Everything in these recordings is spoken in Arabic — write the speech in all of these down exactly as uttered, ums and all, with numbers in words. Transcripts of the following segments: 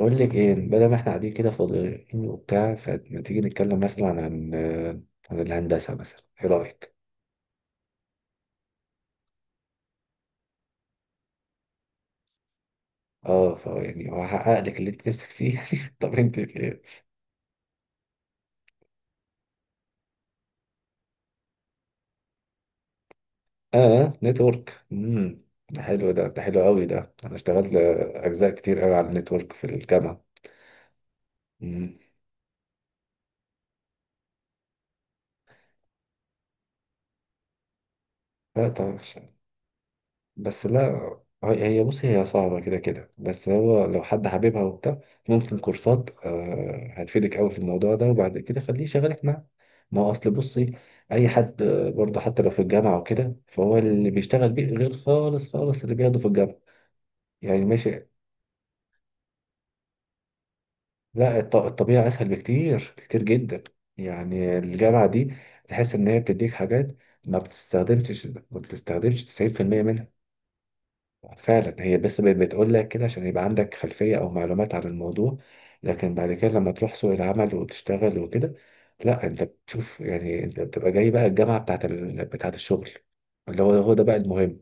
أقول لك إيه، بدل ما إحنا قاعدين كده فاضيين وبتاع، فما تيجي نتكلم مثلا عن آه، عن الهندسة مثلا، إيه رأيك؟ أه، فا يعني هحقق لك اللي أنت نفسك فيه. يعني طب أنت في إيه؟ أه، نتورك. أمم ده حلو، ده ده حلو أوي. ده أنا اشتغلت آه، أجزاء كتير أوي على النتورك في الجامعة. أمم. لا طبعا. بس لا، هي هي- بص، هي صعبة كده كده، بس هو لو حد حاببها وبتاع ممكن كورسات آه، هتفيدك قوي في الموضوع ده، وبعد كده خليه يشغلك معاه. ما هو أصل بصي، أي حد آه، برضه حتى لو في الجامعة وكده، فهو اللي بيشتغل بيه غير خالص خالص اللي بياخده في الجامعة. يعني ماشي. لا الط- الطبيعة أسهل بكتير، كتير جدا. يعني الجامعة دي تحس إن هي بتديك حاجات ما بتستخدمش ما بتستخدمش تسعين بالمية منها، فعلا. هي بس ب- بتقول لك كده عشان يبقى عندك خلفية أو معلومات عن الموضوع، لكن بعد كده لما تروح سوق العمل وتشتغل وكده، لا أنت بتشوف. يعني أنت بتبقى جاي بقى الجامعة بتاعة ال... بتاعة الشغل، اللي هو هو ده بقى المهم.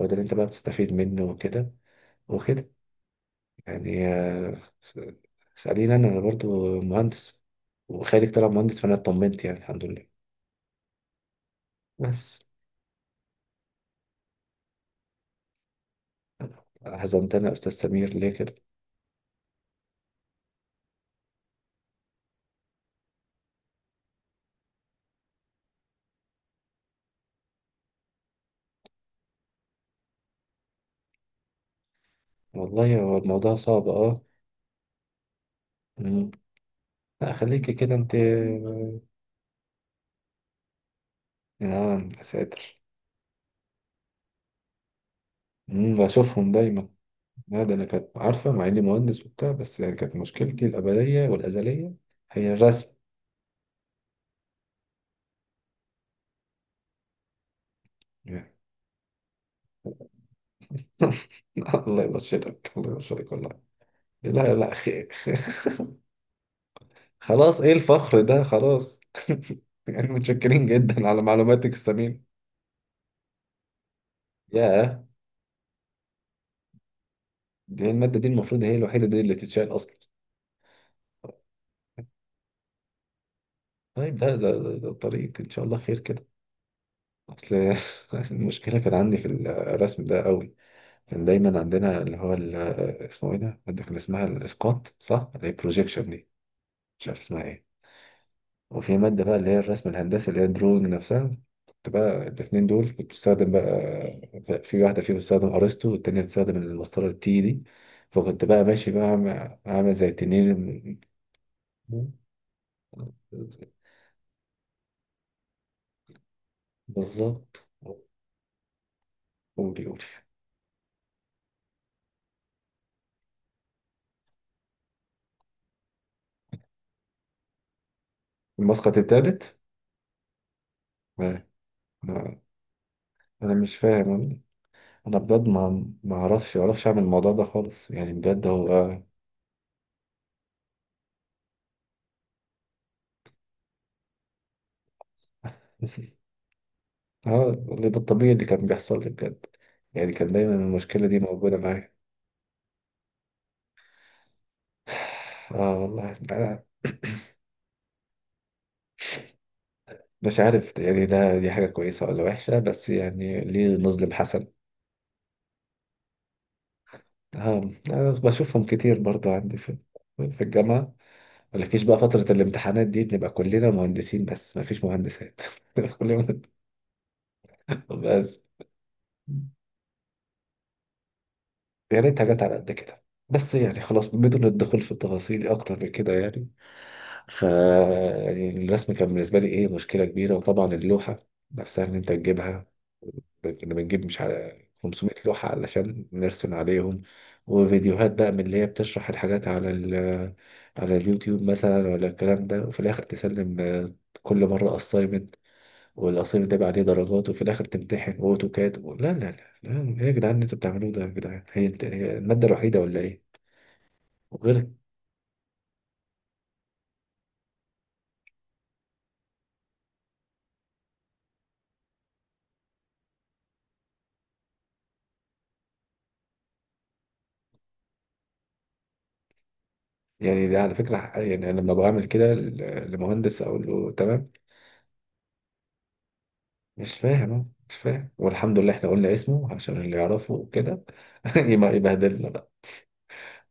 هو ده اللي أنت بقى بتستفيد منه وكده، وكده. يعني آه، س- اسأليني، أنا أنا برضو مهندس، وخالد طلع مهندس، فأنا اطمنت يعني، الحمد لله. بس حزنتني يا أستاذ سمير، ليه كده؟ والله هو الموضوع صعب، أه. لا خليكي كده انت. اه يا ساتر. مم، بشوفهم دايما. لا، ده انا كانت عارفه مع اني مهندس وبتاع، بس يعني كانت مشكلتي الابديه والازليه هي الرسم يعني. الله يبشرك، الله يبشرك والله. لا لا خير. خلاص، ايه الفخر ده؟ خلاص. يعني متشكرين جدا على معلوماتك الثمينه. ياه. دي الماده، دي المفروض هي الوحيده دي اللي تتشال اصلا. طيب لا، ده, ده, ده الطريق ان شاء الله خير كده. اصل المشكله كان عندي في الرسم ده قوي. كان دايما عندنا اللي هو ال- اسمه ايه ده، مادة كان اسمها الاسقاط، صح؟ اللي هي البروجيكشن دي، مش عارف اسمها ايه. وفي مادة بقى اللي هي الرسم الهندسي، اللي هي الدرون نفسها. كنت بقى الاتنين دول كنت بستخدم بقى، في واحدة فيهم بتستخدم ارسطو والتانية بتستخدم المسطرة التي دي. فكنت بقى ماشي بقى عم- عامل زي التنين. بالظبط. قولي قولي. المسقط التالت. ما- ما- انا مش فاهم، انا بجد ما ما اعرفش ما اعرفش اعمل الموضوع ده خالص، يعني بجد هو اه. آه، اللي ده الطبيعي اللي كان بيحصل لي بجد، يعني كان دايما المشكلة دي موجودة معايا. اه والله أنا مش عارف، يعني ده دي حاجة كويسة ولا وحشة، بس يعني ليه نظلم حسن. اه أنا بشوفهم كتير برضو عندي في في الجامعة، مالكيش بقى، فترة الامتحانات دي بنبقى كلنا مهندسين بس مفيش مهندسات. كلنا. بس يا ريت حاجات على قد كده. بس يعني خلاص، بدون الدخول في التفاصيل اكتر من كده يعني. ف يعني الرسم كان بالنسبه لي ايه، مشكله كبيره. وطبعا اللوحه نفسها ان انت تجيبها، كنا بنجيب مش على خمسمية لوحه علشان نرسم عليهم. وفيديوهات بقى من اللي هي بتشرح الحاجات على ال على اليوتيوب مثلا، ولا الكلام ده. وفي الاخر تسلم آه، كل مره اسايمنت، والاسايمنت ده بقى عليه درجات، وفي الاخر تمتحن واوتوكاد. لا لا لا، لا، ايه يا جدعان اللي انتوا بتعملوه ده؟ يا جدعان هي هي الماده الوحيده ولا ايه؟ وغير. يعني ده على فكرة حق- يعني أنا لما بعمل كده ل- لمهندس أقول له تمام، مش فاهم أهو، مش فاهم، والحمد لله إحنا قلنا اسمه عشان اللي يعرفه وكده. يبقى يبهدلنا بقى.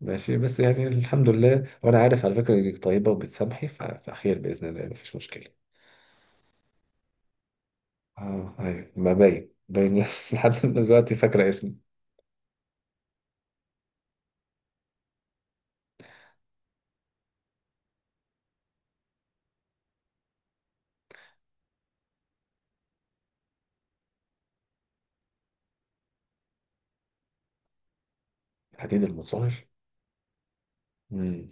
ماشي، بس يعني الحمد لله، وأنا عارف على فكرة إنك طيبة وبتسامحي ف- فخير بإذن الله يعني، مفيش مشكلة. أه أيوة، ما باين باين. لحد دلوقتي فاكرة اسمي. حديد المصهر. مم.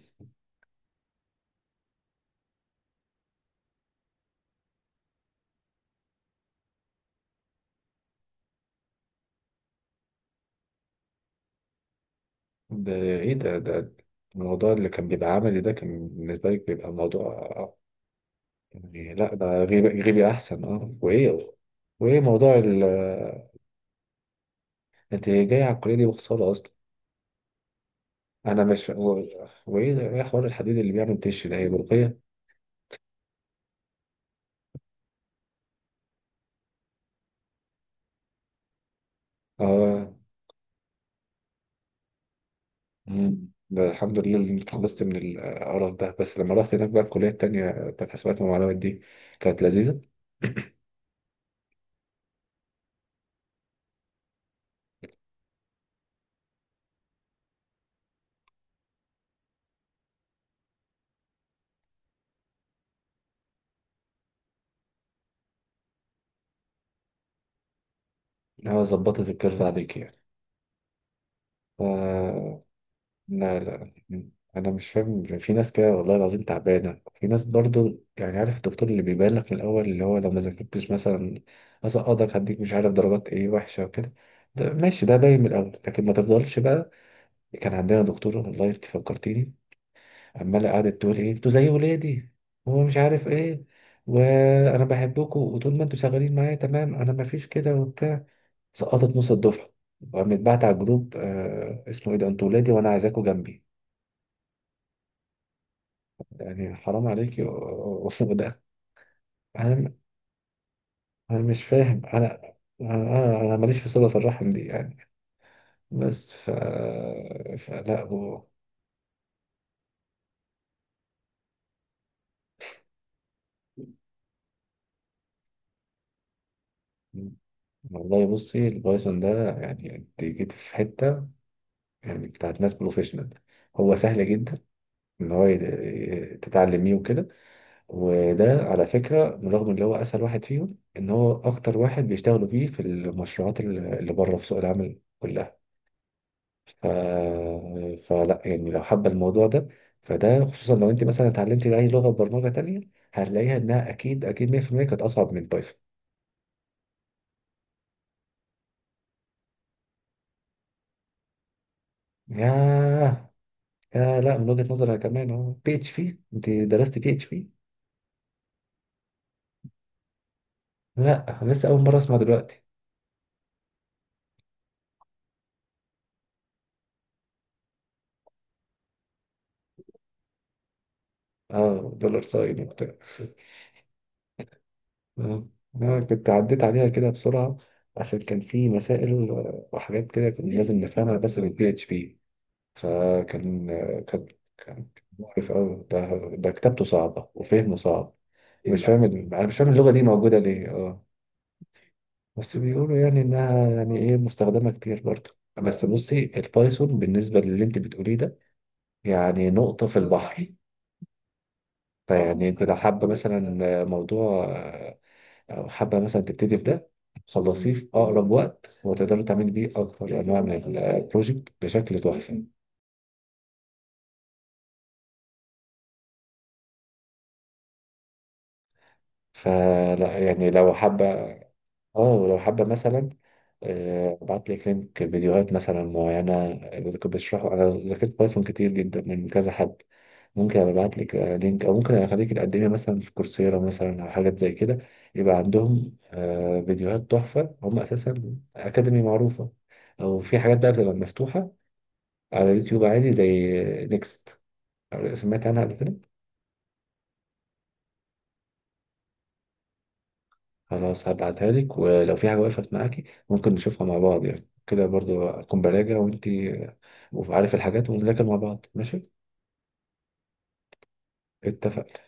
ده إيه ده ده الموضوع اللي كان بيبقى عملي ده كان بالنسبة لك بيبقى موضوع يعني. لا ده غيبي غيبي احسن اه. وايه، وايه موضوع ال. انت جاي على الكليه دي بخساره اصلا. انا مش و- وايه، ايه حوار الحديد اللي بيعمل تش ده، هي بلقيه؟ اه. مم. ده الحمد لله اللي اتخلصت من القرف ده، بس لما رحت هناك بقى الكليه التانيه بتاعت حسابات ومعلومات دي، كانت لذيذه. اه، ظبطت الكيرف عليك يعني. آه، لا لا م. انا مش فاهم، في ناس كده والله العظيم تعبانه، في ناس برضو يعني عارف الدكتور اللي بيبان لك من الاول اللي هو لو ما ذاكرتش مثلا هسقطك، هديك مش عارف درجات ايه وحشه وكده. ده ماشي، ده باين من الاول، لكن ما تفضلش بقى. كان عندنا دكتوره، والله انت فكرتيني، عماله قعدت تقول، ايه انتوا زي ولادي، هو مش عارف ايه، وانا بحبكم، وطول ما انتوا شغالين معايا تمام انا ما فيش كده وبتاع. سقطت نص الدفعه، وقامت بعت على الجروب، آه اسمه ايه ده، انتوا ولادي وانا عايزاكوا جنبي يعني، حرام عليكي و- و- وده. انا انا مش فاهم انا انا انا أنا ماليش في صلة الرحم دي يعني. بس ف فلا هو. والله بصي البايثون ده يعني، انت جيت في حتة يعني بتاعت ناس بروفيشنال، هو سهل جدا ان هو يت- تتعلميه وكده. وده على فكرة رغم ان هو اسهل واحد فيهم، ان هو اكتر واحد بيشتغلوا بيه في المشروعات اللي بره في سوق العمل كلها. ف... فلا يعني لو حابة الموضوع ده، فده خصوصا لو انت مثلا اتعلمتي اي لغة برمجة تانية، هتلاقيها انها اكيد اكيد مية بالمية كانت اصعب من بايثون. ياه، يا لا، من وجهة نظري أنا كمان اهو. بي اتش بي، انت درست بي اتش بي؟ لا أنا لسه اول مرة اسمع دلوقتي. اه، دولار ساين وبتاع. آه، آه، كنت عديت عليها كده بسرعة، عشان كان في مسائل آه، وحاجات كده كنا لازم نفهمها بس بالبي اتش بي. فكان، كان كان مقرف قوي ده، ده كتابته صعبة وفهمه صعب. ايه، مش لا فاهم ال- انا مش فاهم اللغة دي موجودة ليه اه. بس بيقولوا يعني انها يعني ايه، مستخدمة كتير برضه، بس بصي البايثون بالنسبة للي انت بتقوليه ده، يعني نقطة في البحر اه. فيعني انت لو حابة مثلا موضوع، او حابة مثلا تبتدي في ده، خلصيه في اقرب وقت، وتقدري تعملي بيه اكتر انواع من البروجكت بشكل تحفة. فلا يعني لو حابة، اه، ولو حابة مثلا آه، ابعت لك لينك فيديوهات مثلا معينة كنت بشرحه. انا ذاكرت بايثون كتير جدا من كذا حد، ممكن ابعت لك آه، لينك، او ممكن اخليك تقدمي مثلا في كورسيرا مثلا، او حاجات زي كده يبقى عندهم آه، فيديوهات تحفة، هم اساسا اكاديمي معروفة. او في حاجات بقى بتبقى مفتوحة على يوتيوب عادي زي نيكست، سمعت عنها قبل كده؟ خلاص هبعتها لك، ولو في حاجة وقفت معاكي ممكن نشوفها مع بعض، يعني كده برضو أكون براجع وأنتي وعارف الحاجات، ونذاكر مع بعض، ماشي؟ اتفق.